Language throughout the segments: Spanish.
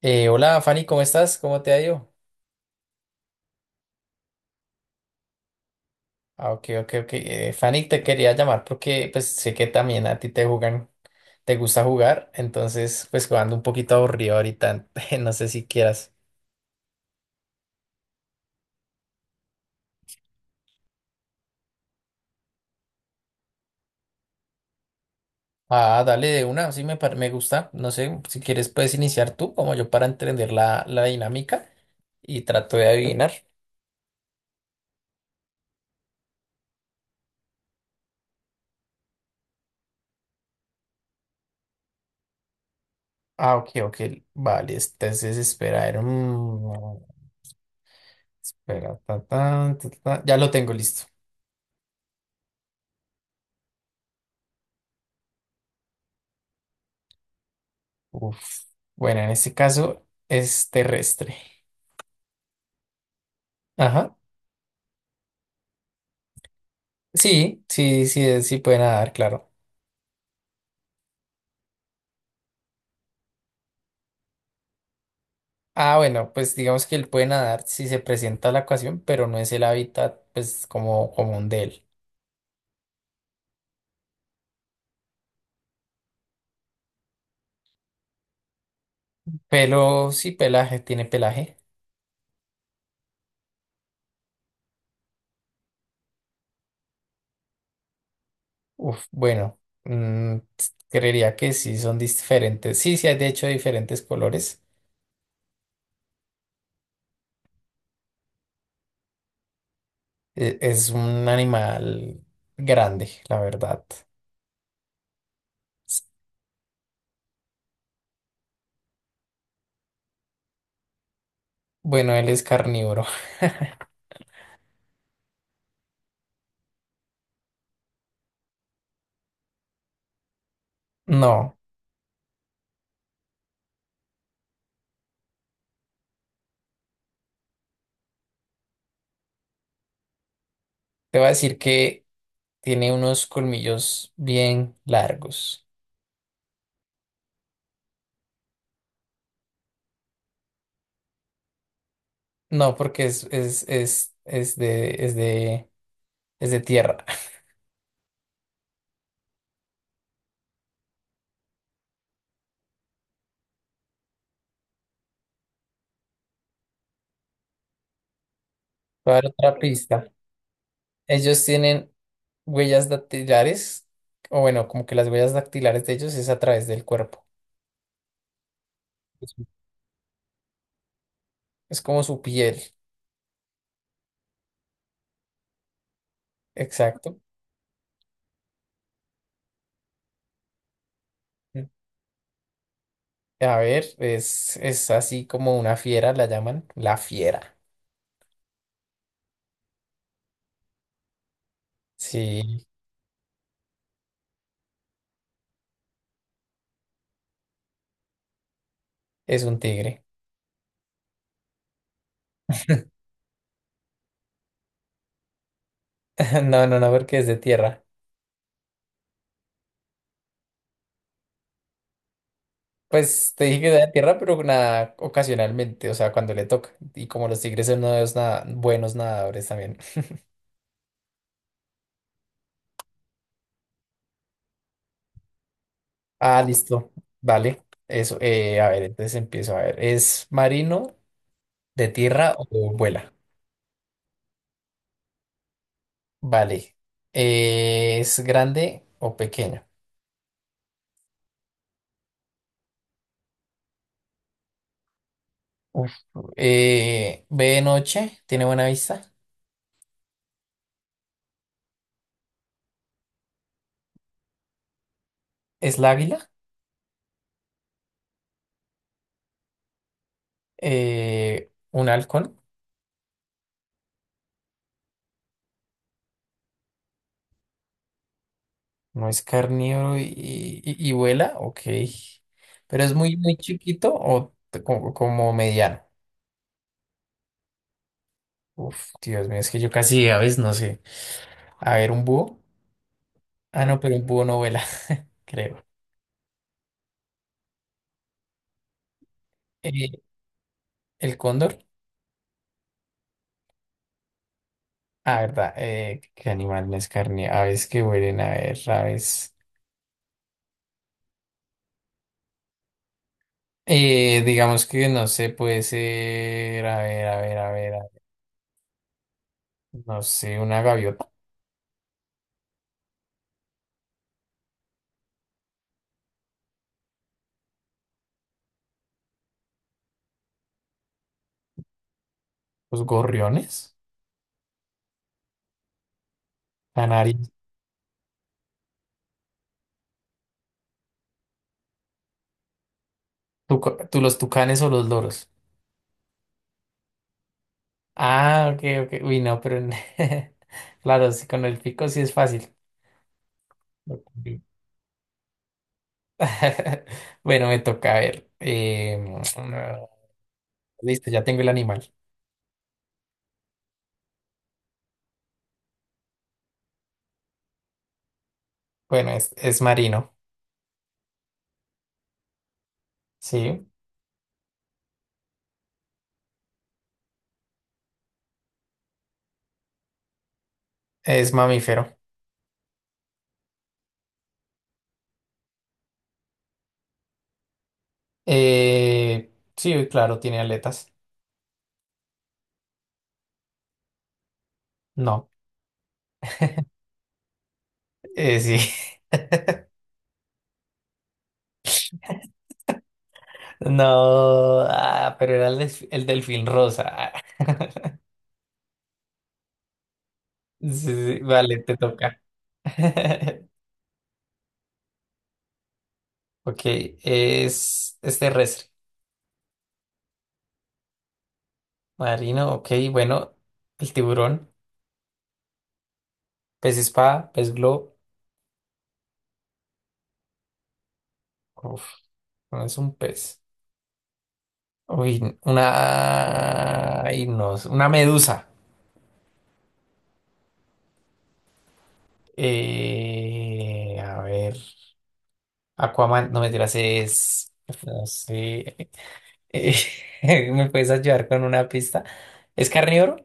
Hola Fanny, ¿cómo estás? ¿Cómo te ha ido? Ah, ok, ok, ok. Fanny, te quería llamar porque pues sé que también a ti te jugan, te gusta jugar, entonces pues jugando un poquito aburrido ahorita, no sé si quieras. Ah, dale de una, sí me, me gusta, no sé, si quieres puedes iniciar tú como yo para entender la dinámica y trato de adivinar. Ah, ok, ok, vale, entonces espera, a ver, espera, ta, ta, ta, ta, ya lo tengo listo. Uf. Bueno, en este caso es terrestre. Ajá. Sí, sí, sí, sí puede nadar, claro. Ah, bueno, pues digamos que él puede nadar si se presenta la ocasión, pero no es el hábitat, pues, como común de él. Pero sí, pelaje, tiene pelaje. Uf, bueno, creería que sí son diferentes. Sí, sí hay de hecho diferentes colores. Es un animal grande, la verdad. S- Bueno, él es carnívoro. No, te voy a decir que tiene unos colmillos bien largos. No, porque es de, es de, es de tierra. Voy a dar otra pista. Ellos tienen huellas dactilares, o bueno, como que las huellas dactilares de ellos es a través del cuerpo. Es es como su piel. Exacto. Mm. A ver, es así como una fiera, la llaman la fiera. Sí, es un tigre. No, no, no, porque es de tierra. Pues te dije que era de tierra, pero nada, ocasionalmente, o sea, cuando le toca. Y como los tigres son unos nada, buenos nadadores también. Ah, listo. Vale. Eso. A ver, entonces empiezo. A ver. ¿Es marino, de tierra o vuela? Vale. ¿Es grande o pequeño? Uf. ¿Ve de noche? ¿Tiene buena vista? ¿Es la águila? ¿Un halcón? ¿No es carnívoro y, y vuela? Ok. ¿Pero es muy, muy chiquito o como, como mediano? Uf, Dios mío, es que yo casi a veces no sé. A ver, ¿un búho? Ah, no, pero un búho no vuela, creo. Eh, el cóndor. Ah, verdad. ¿Qué animal no es carne? Aves que vuelen a ver, aves. Digamos que no sé, puede ser. A ver, a ver, a ver. No sé, una gaviota. Los gorriones. Canarios. Tú, los tucanes o los loros. Ah, ok, ok. Uy, no, pero. Claro, sí, con el pico sí es fácil. Ok. Bueno, me toca a ver. Listo, ya tengo el animal. Bueno, es marino. Sí. Es mamífero. Sí, claro, tiene aletas. No, sí. No, ah, pero era el, el delfín rosa. Sí, sí, vale, te toca. Ok, es terrestre. Marino, ok, bueno, el tiburón, pez espada, pez globo. Uf, no es un pez. Uy, una. Ay, no, una medusa. A ver. Aquaman, no me tiras, es. No sé. eh, ¿Me puedes ayudar con una pista? ¿Es carnívoro?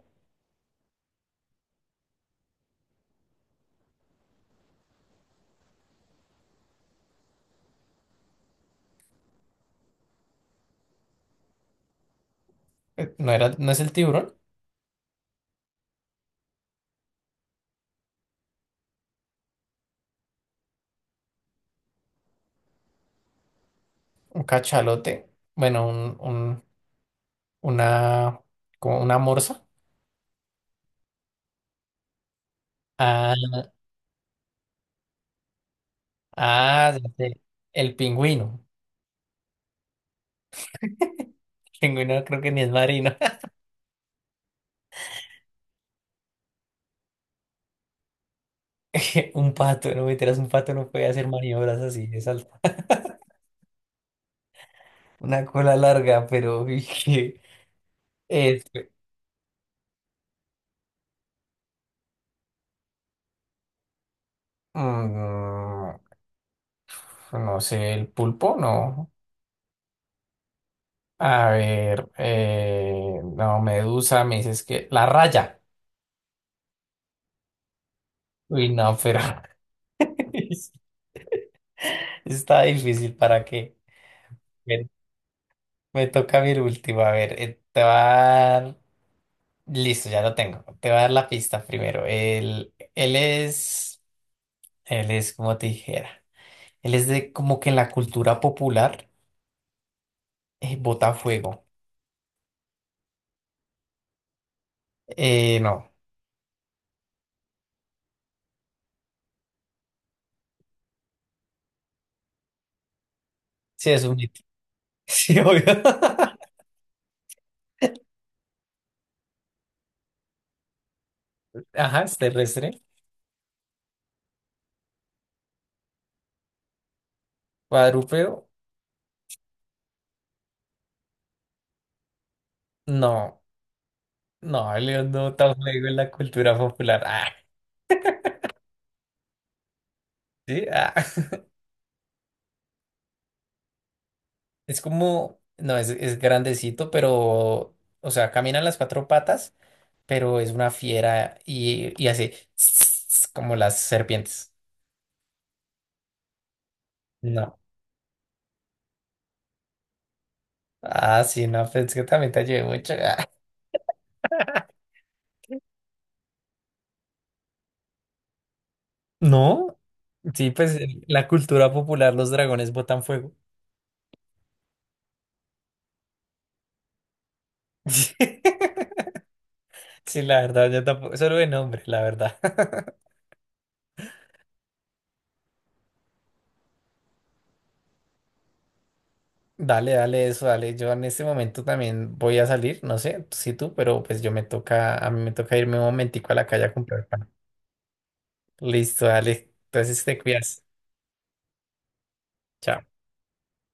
No era, no es el tiburón. Un cachalote. Bueno, una. Como una morsa. Ah, ah, ya sé, el pingüino. El pingüino creo que ni es marino. Un pato, no me tiras, un pato no puede hacer maniobras así. Es alto. Una cola larga, pero. uy, que- Este, mm, no sé, el pulpo, no. A ver, no, Medusa, me dices que la raya. Uy, no, pero está difícil para qué. me, me toca mi último. A ver, te va a dar. Listo, ya lo tengo. Te va a dar la pista primero. Él es como te dijera. Él es de como que en la cultura popular bota fuego. No, sí es un mito. Sí, obvio. Ajá, es terrestre. Cuadrúpedo, no. No, León no tan juego en la cultura popular. Ah, sí, ah. Es como, no, es grandecito, pero, o sea, camina en las cuatro patas, pero es una fiera y hace como las serpientes. No. Ah, sí, no, pues es que también te ayudé mucho. Ah. No, sí, pues en la cultura popular, los dragones botan fuego. Sí, la verdad, yo tampoco, solo de nombre, la verdad. Dale, dale eso, dale. Yo en este momento también voy a salir, no sé si tú, pero pues yo me toca, a mí me toca irme un momentico a la calle a comprar pan. Listo, dale. Entonces te cuidas. Chao.